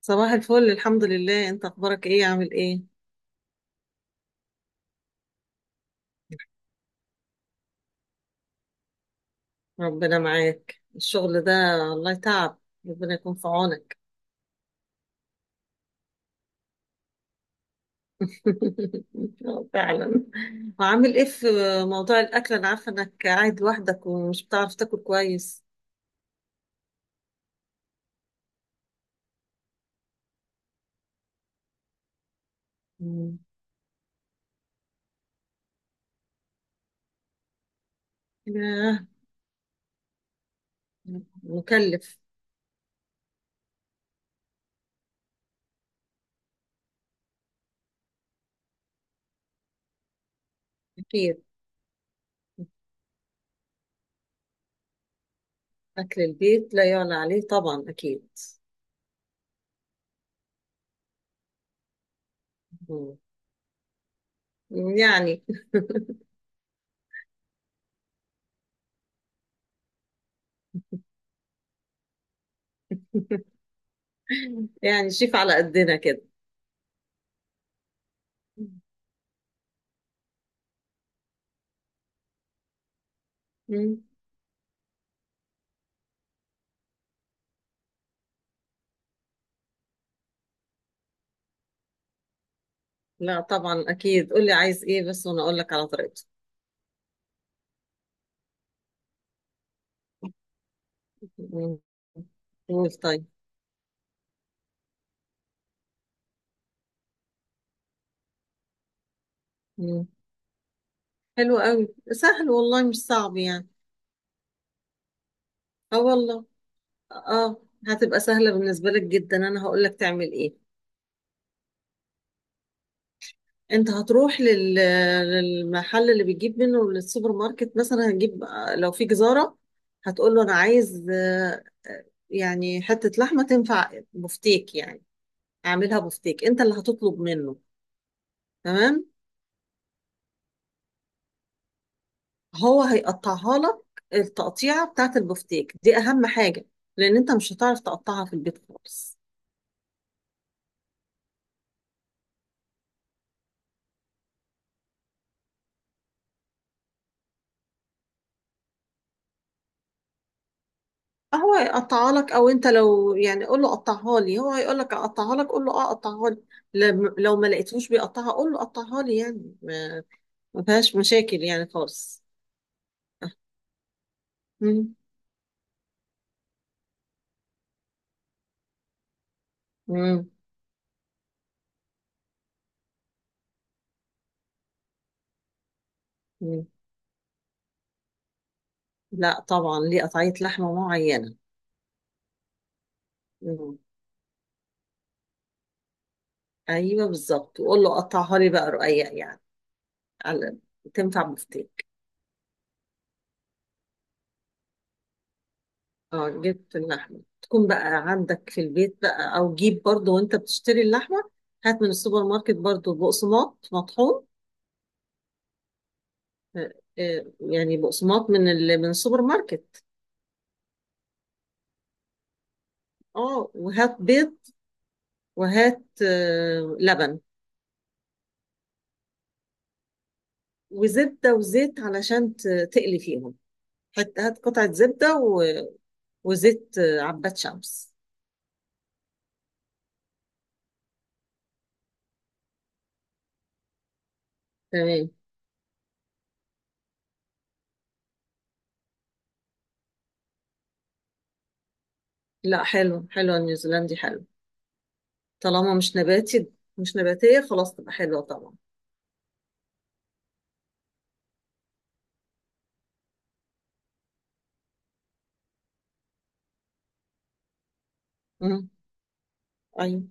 صباح الفل، الحمد لله. انت اخبارك ايه؟ عامل ايه؟ ربنا معاك. الشغل ده والله تعب. ربنا يكون في عونك. اه فعلا. وعامل ايه في موضوع الاكل؟ انا عارفه انك قاعد لوحدك ومش بتعرف تاكل كويس. مم. ياه. مكلف. اكيد. اكل البيت لا يعلى عليه، طبعا اكيد. مم. يعني. يعني شيف على قدنا كده. مم. لا طبعا اكيد، قول لي عايز ايه بس وانا اقول لك على طريقته. مم. قول طيب. مم. حلو قوي، سهل والله مش صعب يعني. اه والله. اه. هتبقى سهلة بالنسبة لك جدا، انا هقول لك تعمل ايه. انت هتروح للمحل اللي بتجيب منه، للسوبر ماركت مثلا. هتجيب، لو في جزارة هتقول له انا عايز يعني حتة لحمة تنفع بفتيك يعني، اعملها بفتيك. انت اللي هتطلب منه، تمام. هو هيقطعها لك. التقطيعة بتاعت البفتيك دي أهم حاجة، لأن أنت مش هتعرف تقطعها في البيت خالص. هو هيقطعها لك، أو أنت لو يعني قول له قطعها لي هو هيقول لك أقطعها لك. قول له أه قطعها لي. لو ما لقيتهوش بيقطعها قول له قطعها لي، يعني ما فيهاش مشاكل يعني خالص. مم. مم. مم. لا طبعا، ليه قطعية لحمة معينة. مم. أيوه بالظبط، وقول له قطعها لي بقى رقيق يعني، على تنفع بفتيك. اه جبت اللحمة، تكون بقى عندك في البيت بقى، او جيب برضو وانت بتشتري اللحمة، هات من السوبر ماركت برضو بقسماط مطحون. آه، يعني بقسماط من من السوبر ماركت. اه وهات بيض. وهات لبن. وزبدة وزيت علشان تقلي فيهم. هات قطعة زبدة وزيت عباد شمس. تمام. لا حلو، النيوزيلندي حلو. طالما مش نباتي، مش نباتية خلاص تبقى حلوة طبعا. مم. أيوة.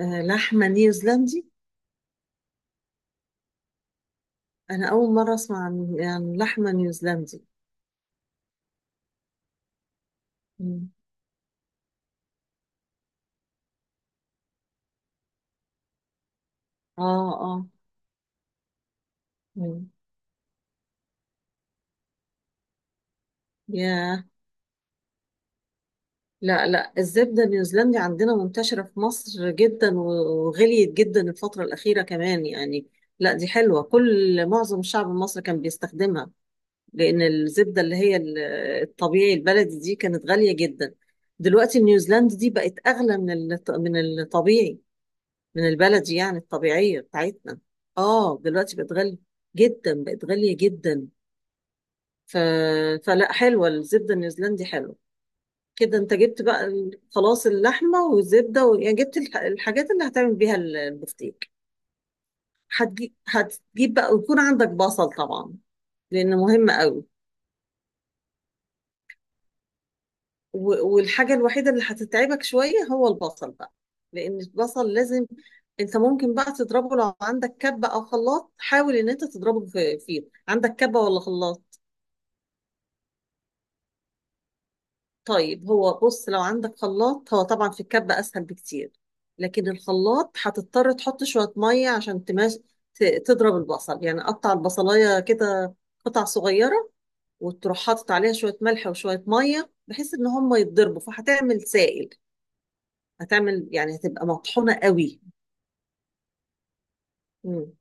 لحمة نيوزيلندي. أنا أول مرة أسمع عن يعني لحمة نيوزيلندي. مم. آه آه. مم. ياه. لا لا، الزبدة النيوزيلندي عندنا منتشرة في مصر جدا، وغليت جدا الفترة الأخيرة كمان يعني. لا دي حلوة، كل معظم الشعب المصري كان بيستخدمها، لأن الزبدة اللي هي الطبيعي البلدي دي كانت غالية جدا. دلوقتي النيوزيلندي دي بقت أغلى من من الطبيعي، من البلدي يعني، الطبيعية بتاعتنا. اه دلوقتي بقت غالية. جدا بقت غالية جدا. ف... فلا حلوة، الزبدة النيوزيلندي حلوة. كده انت جبت بقى خلاص اللحمة والزبدة يعني جبت الحاجات اللي هتعمل بيها البفتيك. هتجيب بقى ويكون عندك بصل طبعا، لأنه مهم قوي. والحاجة الوحيدة اللي هتتعبك شوية هو البصل بقى، لأن البصل لازم. أنت ممكن بقى تضربه لو عندك كبة أو خلاط، حاول إن أنت تضربه في فيه. عندك كبة ولا خلاط؟ طيب هو بص، لو عندك خلاط، هو طبعا في الكبة أسهل بكتير، لكن الخلاط هتضطر تحط شوية مية عشان تماش تضرب البصل، يعني قطع البصلاية كده، قطع صغيرة، وتروح حاطط عليها شوية ملح وشوية مية بحيث إن هم يتضربوا فهتعمل سائل، هتعمل يعني هتبقى مطحونة قوي. مم.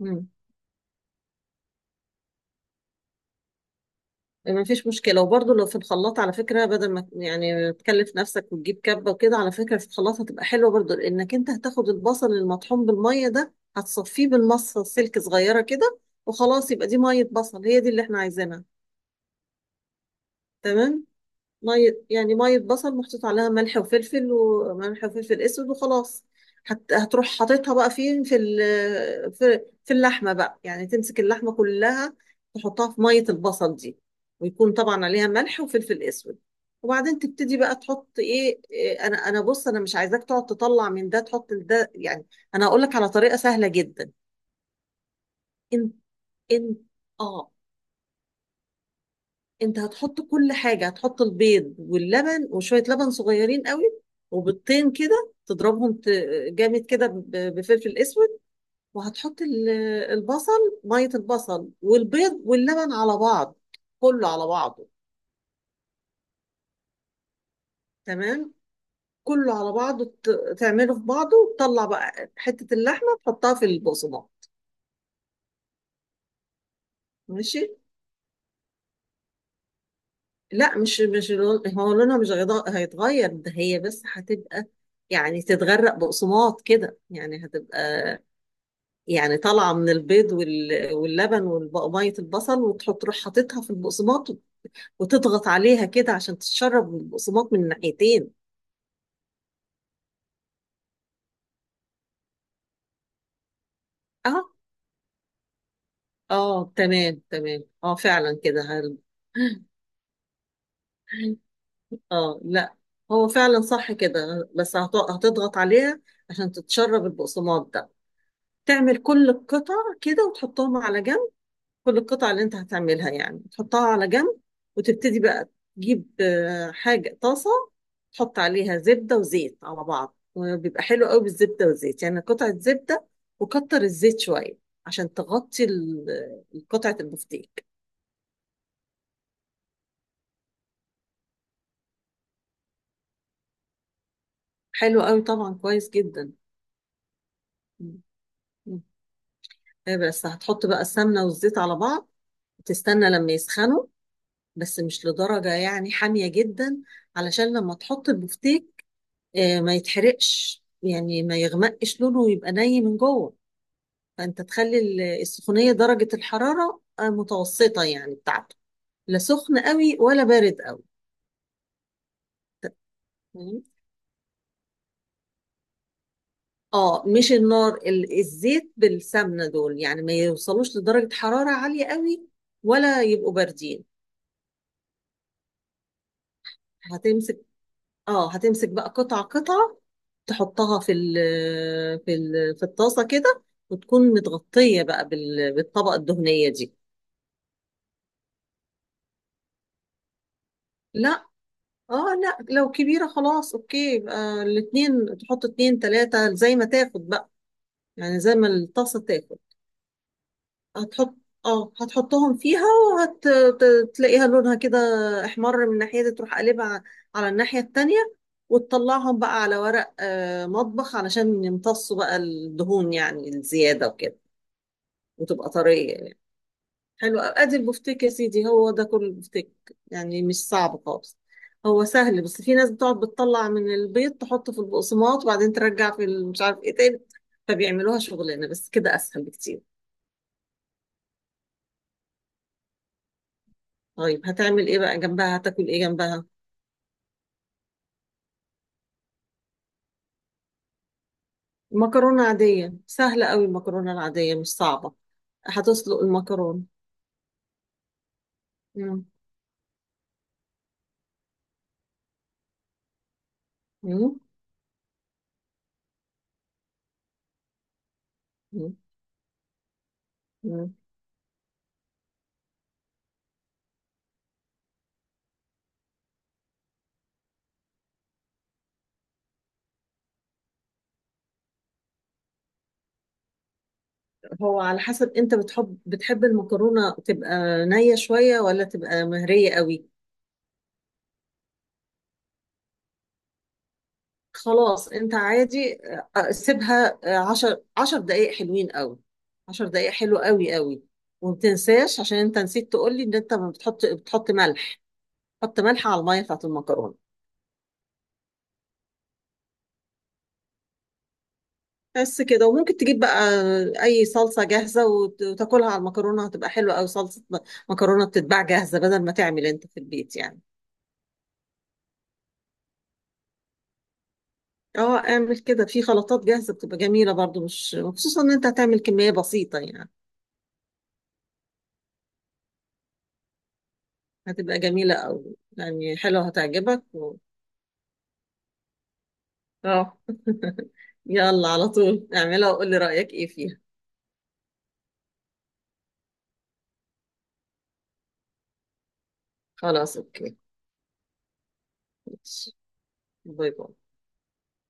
مم. ما فيش مشكلة. وبرضه لو في الخلاط على فكرة بدل ما يعني تكلف نفسك وتجيب كبة وكده، على فكرة في الخلاط هتبقى حلوة برضه، لأنك أنت هتاخد البصل المطحون بالمية ده هتصفيه بالمصة، سلك صغيرة كده، وخلاص يبقى دي مية بصل، هي دي اللي احنا عايزينها. تمام. مية يعني، مية بصل محطوط عليها ملح وفلفل، وملح وفلفل اسود وخلاص. هتروح حاططها بقى فين؟ في في اللحمة بقى. يعني تمسك اللحمة كلها، تحطها في مية البصل دي، ويكون طبعا عليها ملح وفلفل اسود. وبعدين تبتدي بقى تحط ايه انا بص، انا مش عايزاك تقعد تطلع من ده تحط ده يعني، انا هقول لك على طريقة سهلة جدا. انت انت اه، انت هتحط كل حاجة. هتحط البيض واللبن، وشوية لبن صغيرين قوي، وبيضتين كده تضربهم جامد كده بفلفل اسود. وهتحط البصل، مية البصل والبيض واللبن على بعض، كله على بعضه. تمام. كله على بعضه، تعمله في بعضه، وتطلع بقى حتة اللحمة تحطها في البقسماط. ماشي. لا مش هو لونها مش هيض- هيتغير، ده هي بس هتبقى يعني تتغرق بقسماط كده، يعني هتبقى يعني طالعه من البيض واللبن وميه البصل، وتحط تروح حاططها في البقسماط، وتضغط عليها كده عشان تتشرب من البقسماط من الناحيتين. اه اه، تمام تمام، اه فعلا كده اه لا، هو فعلا صح كده، بس هتضغط عليها عشان تتشرب البقسماط ده. تعمل كل القطع كده، وتحطهم على جنب. كل القطع اللي انت هتعملها يعني تحطها على جنب. وتبتدي بقى تجيب حاجة طاسة، تحط عليها زبدة وزيت على بعض، وبيبقى حلو قوي بالزبدة والزيت. يعني قطعة زبدة، وكتر الزيت شوية عشان تغطي قطعة البفتيك. حلو قوي، طبعا كويس جدا. م- م. إيه، بس هتحط بقى السمنة والزيت على بعض وتستنى لما يسخنوا، بس مش لدرجة يعني حامية جدا، علشان لما تحط البفتيك ما يتحرقش، يعني ما يغمقش لونه ويبقى ني من جوه. فانت تخلي السخونيه درجه الحراره متوسطه يعني بتاعته، لا سخن قوي ولا بارد قوي. تمام؟ اه مش النار، الزيت بالسمنه دول يعني ما يوصلوش لدرجه حراره عاليه قوي، ولا يبقوا باردين. هتمسك، اه هتمسك بقى قطعه قطعه، تحطها في في ال في الطاسه كده، وتكون متغطيه بقى بالطبقه الدهنيه دي. لا. اه لا لو كبيرة، خلاص اوكي، يبقى الاتنين تحط اتنين تلاتة زي ما تاخد بقى، يعني زي ما الطاسة تاخد. هتحط، اه هتحطهم فيها، وهتلاقيها لونها كده احمر من الناحية دي، تروح قلبها على الناحية التانية، وتطلعهم بقى على ورق مطبخ علشان يمتصوا بقى الدهون، يعني الزيادة وكده، وتبقى طرية يعني. حلو أوي. ادي البفتيك يا سيدي، هو ده كل البفتيك. يعني مش صعب خالص، هو سهل، بس في ناس بتقعد بتطلع من البيض تحطه في البقسماط وبعدين ترجع في مش عارف ايه تاني، فبيعملوها شغلانه، بس كده اسهل بكتير. طيب هتعمل ايه بقى جنبها؟ هتاكل ايه جنبها؟ مكرونه عاديه سهله قوي، المكرونه العاديه مش صعبه. هتسلق المكرونه. مم. مم. مم. مم. هو على حسب انت بتحب المكرونه تبقى نيه شويه ولا تبقى مهريه قوي. خلاص انت عادي، سيبها 10 دقايق حلوين قوي، 10 دقايق حلو قوي قوي. وما تنساش، عشان انت نسيت تقول لي ان انت ما بتحط بتحط ملح. حط ملح على الميه بتاعت المكرونه. بس كده. وممكن تجيب بقى اي صلصه جاهزه وتاكلها على المكرونه، هتبقى حلوه قوي. صلصه مكرونه بتتباع جاهزه بدل ما تعمل انت في البيت يعني. اه اعمل كده، في خلطات جاهزه بتبقى جميله برضو، مش خصوصا ان انت هتعمل كميه بسيطه يعني. هتبقى جميله قوي، يعني حلوه هتعجبك. اه. يلا على طول اعملها وقولي رأيك ايه فيها. خلاص اوكي. ماشي. باي باي.